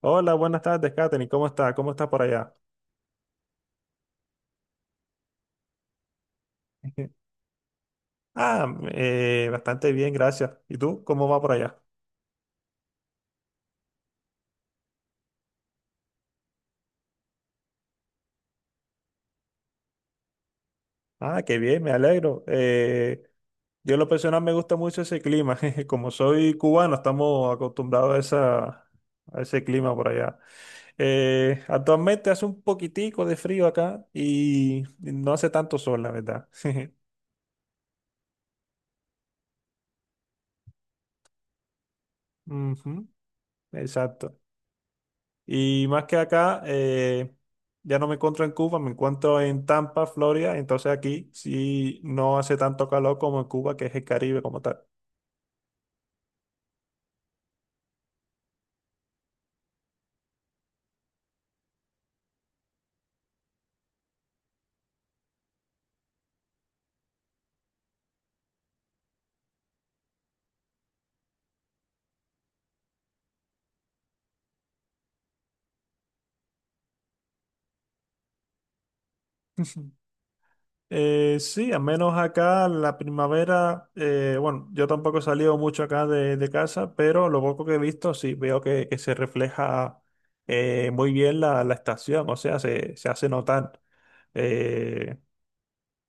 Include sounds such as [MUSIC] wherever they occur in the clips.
Hola, buenas tardes, Katherine. ¿Cómo está? ¿Cómo está por allá? [LAUGHS] Ah, bastante bien, gracias. ¿Y tú? ¿Cómo va por allá? Ah, qué bien, me alegro. Yo en lo personal me gusta mucho ese clima. [LAUGHS] Como soy cubano, estamos acostumbrados a ese clima por allá. Actualmente hace un poquitico de frío acá y no hace tanto sol, la verdad. [LAUGHS] Ujú, exacto. Y más que acá, ya no me encuentro en Cuba, me encuentro en Tampa, Florida. Entonces aquí sí no hace tanto calor como en Cuba, que es el Caribe como tal. Ujú. Sí, al menos acá la primavera, bueno, yo tampoco he salido mucho acá de casa, pero lo poco que he visto sí veo que se refleja muy bien la estación, o sea, se hace notar. Eh,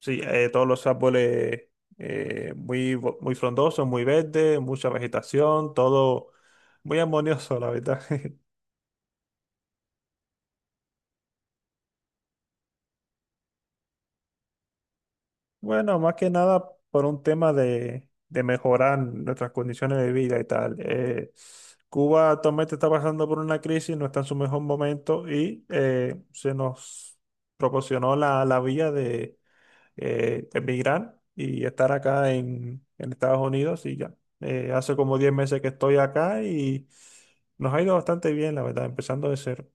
Sí, todos los árboles muy frondosos, muy verdes, mucha vegetación, todo muy armonioso, la verdad. [LAUGHS] Bueno, más que nada por un tema de mejorar nuestras condiciones de vida y tal. Cuba actualmente está pasando por una crisis, no está en su mejor momento y se nos proporcionó la vía de emigrar y estar acá en Estados Unidos y ya. Hace como 10 meses que estoy acá y nos ha ido bastante bien, la verdad, empezando de cero.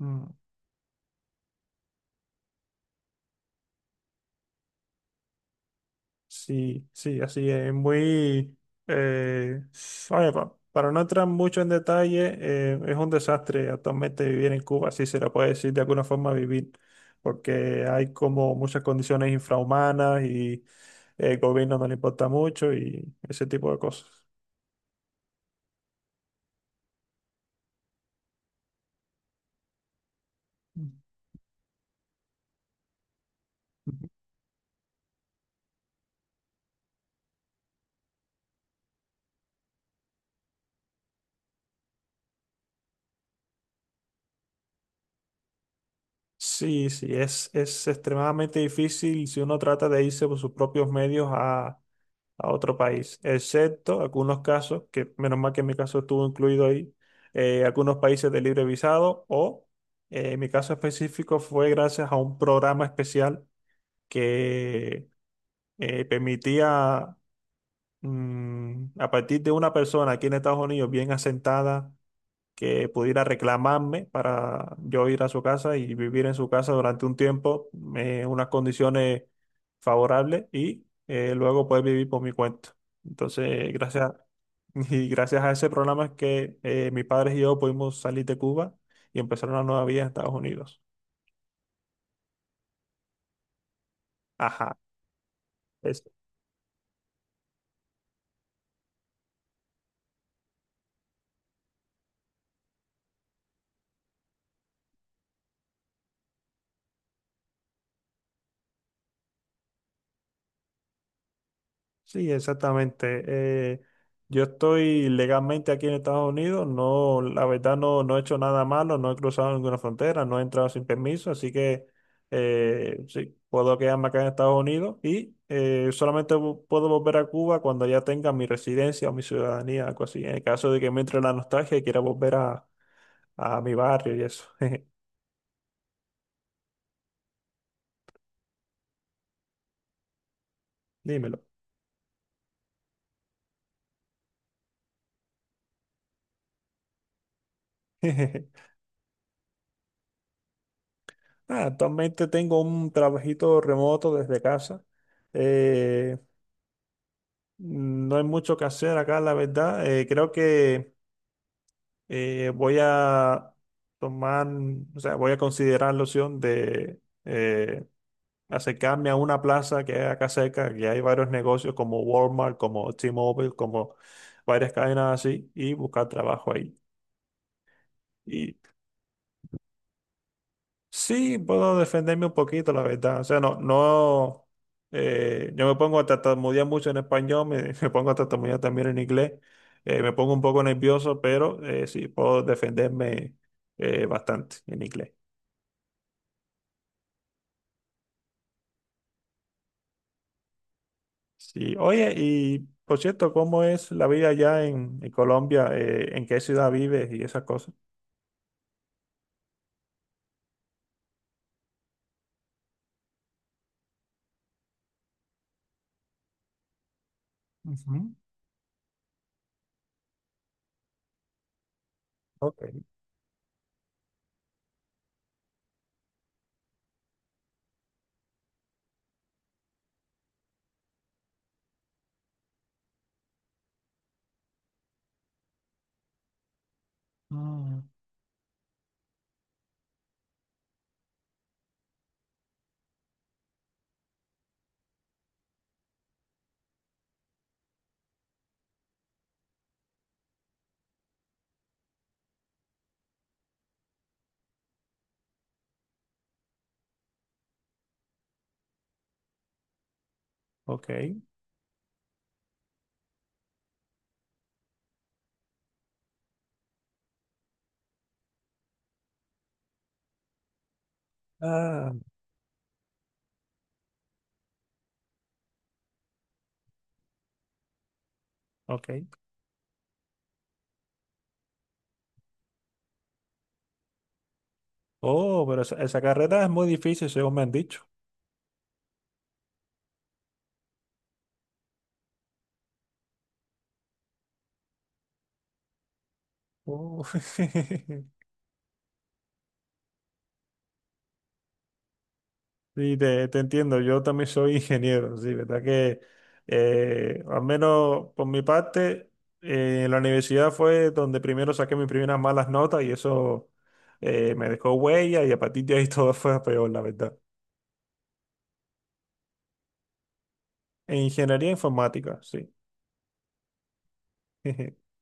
Mm, sí, sí, así es, eh, oye, para no entrar mucho en detalle, es un desastre actualmente vivir en Cuba, si se le puede decir de alguna forma vivir, porque hay como muchas condiciones infrahumanas y el gobierno no le importa mucho y ese tipo de cosas. Sí, sí, es extremadamente difícil si uno trata de irse por sus propios medios a otro país, excepto algunos casos, que menos mal que en mi caso estuvo incluido ahí, algunos países de libre visado o en mi caso específico fue gracias a un programa especial que permitía a partir de una persona aquí en Estados Unidos bien asentada que pudiera reclamarme para yo ir a su casa y vivir en su casa durante un tiempo, unas condiciones favorables y luego poder vivir por mi cuenta. Entonces, gracias, [LAUGHS] y gracias a ese programa es que mis padres y yo pudimos salir de Cuba y empezar una nueva vida en Estados Unidos. Ajá. Sí, exactamente. Yo estoy legalmente aquí en Estados Unidos, no, la verdad no, no he hecho nada malo, no he cruzado ninguna frontera, no he entrado sin permiso, así que sí, puedo quedarme acá en Estados Unidos y puedo volver a Cuba cuando ya tenga mi residencia o mi ciudadanía, algo así, en el caso de que me entre la nostalgia y quiera volver a mi barrio y eso. [LAUGHS] Dímelo. [LAUGHS] Ah, actualmente tengo un trabajito remoto desde casa. eh, No hay mucho que hacer acá, la verdad. Creo que eh, voy a tomar, o sea, voy a considerar la opción de acercarme a una plaza que hay acá cerca, que hay varios negocios como Walmart, como T-Mobile, como varias cadenas así, y buscar trabajo ahí. Y Sí, puedo defenderme un poquito, la verdad. O sea, no, no, yo me pongo a tartamudear mucho en español, me, [LAUGHS] me pongo a tartamudear también en inglés, me pongo un poco nervioso, pero sí, puedo defenderme bastante en inglés. Sí, oye, y por cierto, ¿cómo es la vida allá en Colombia? ¿En qué ciudad vives y esas cosas? Ujú. Ok, ah, ok, ah, ok. Oh, pero esa carrera es muy difícil, según me han dicho. Oh. [LAUGHS] Sí, te entiendo. Yo también soy [LAUGHS] ingeniero, sí, verdad que al menos por mi parte, la universidad fue donde primero saqué mis primeras malas notas y eso me dejó huella y a partir de ahí [LAUGHS] todo fue a peor, la verdad. En ingeniería informática, sí. [LAUGHS]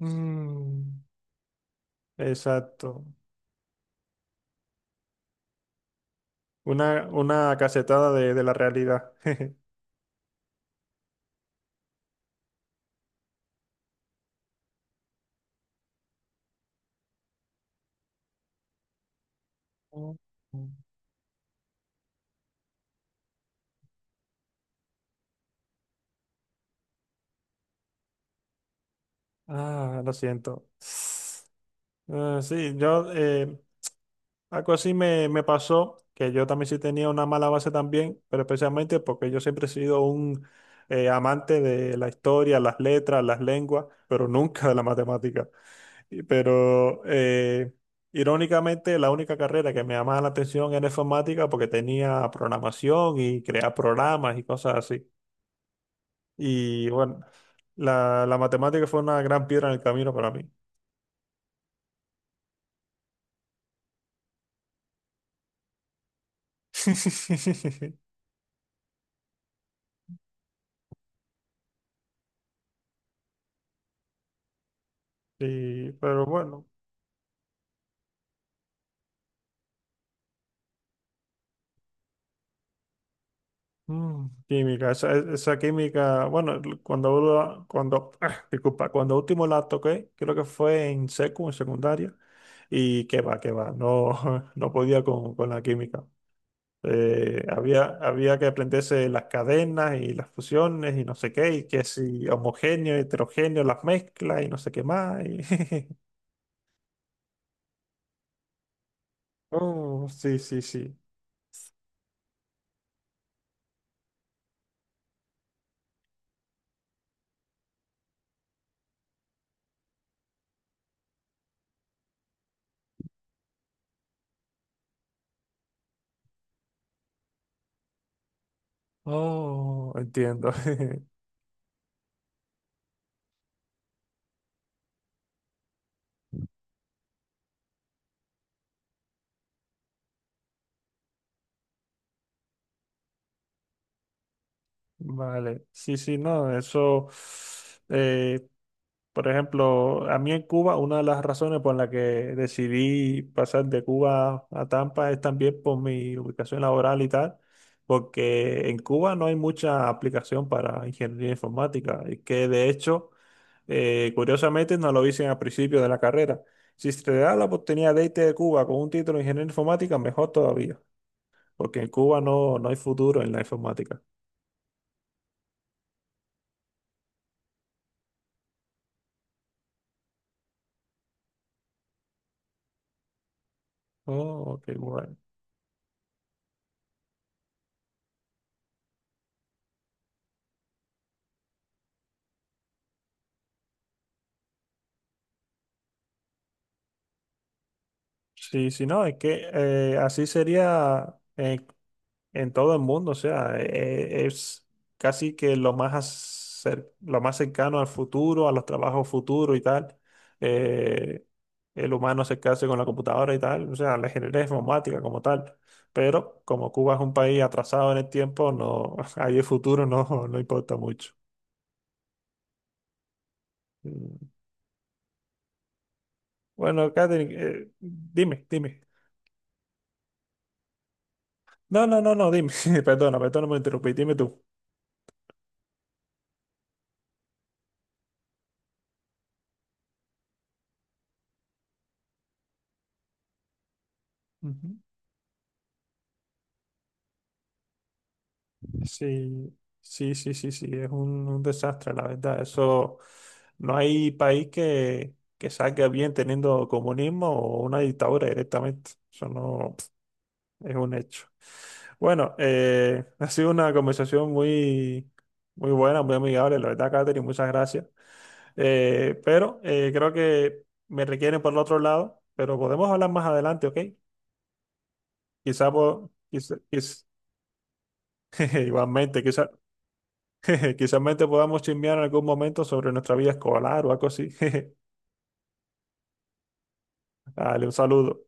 Mm, exacto. Una cachetada de la realidad. [LAUGHS] Oh, ah, lo siento. Ah, sí, yo algo así me, me pasó, que yo también sí tenía una mala base también, pero especialmente porque yo siempre he sido un amante de la historia, las letras, las lenguas, pero nunca de la matemática. Pero irónicamente la única carrera que me llamaba la atención era informática porque tenía programación y crear programas y cosas así. Y bueno, la matemática fue una gran piedra en el camino para mí. [LAUGHS] Sí, pero bueno. Mm, química, esa química, bueno, [CLEARS THROAT] ah, disculpa, cuando último la toqué, creo que fue en en secundaria, y que va, no, [LAUGHS] no podía con la química. Había que aprenderse las cadenas y las fusiones y no sé qué, y que si homogéneo, heterogéneo, las mezclas y no sé qué más. [LAUGHS] Oh, sí, sí, sí. Oh, entiendo. [LAUGHS] Vale, sí, sí, no, eso. eh, Por ejemplo, a mí en Cuba, una de las razones por la que decidí pasar de Cuba a Tampa es también por mi ubicación laboral y tal, porque en Cuba no hay mucha aplicación para ingeniería informática, y que de hecho, curiosamente, nos lo dicen al principio de la carrera. Si se te da la oportunidad de irte de Cuba con un título de ingeniería informática, mejor todavía, porque en Cuba no, no hay futuro en la informática. Oh, ok, bueno. Sí, sí, no, es que así sería. En todo el mundo, o sea, es casi que lo lo más cercano al futuro, a los trabajos futuros y tal. Eh, el humano acercarse con la computadora y tal, o sea, la ingeniería informática como tal. Pero como Cuba es un país atrasado en el tiempo, no, [LAUGHS] ahí el futuro no, no importa mucho. Mm. Bueno, Catherine, dime, dime. No, no, no, no, dime. [LAUGHS] Perdona, perdona, me interrumpí, dime tú. Ujú. Sí, sí, sí, sí, sí, es un desastre, la verdad. Eso, no hay país que salga bien teniendo comunismo o una dictadura directamente. Eso no es un hecho. Bueno, [LAUGHS] ha sido una conversación muy, muy buena, muy amigable, la verdad, Catherine, muchas gracias. Pero creo que me requieren por el otro lado, pero podemos hablar más adelante, ¿ok? Quizá, por, quizá- quiz- [LAUGHS] igualmente, quizá [LAUGHS] quizás podamos chismear en algún momento sobre nuestra vida escolar o algo así. [LAUGHS] Dale, un saludo.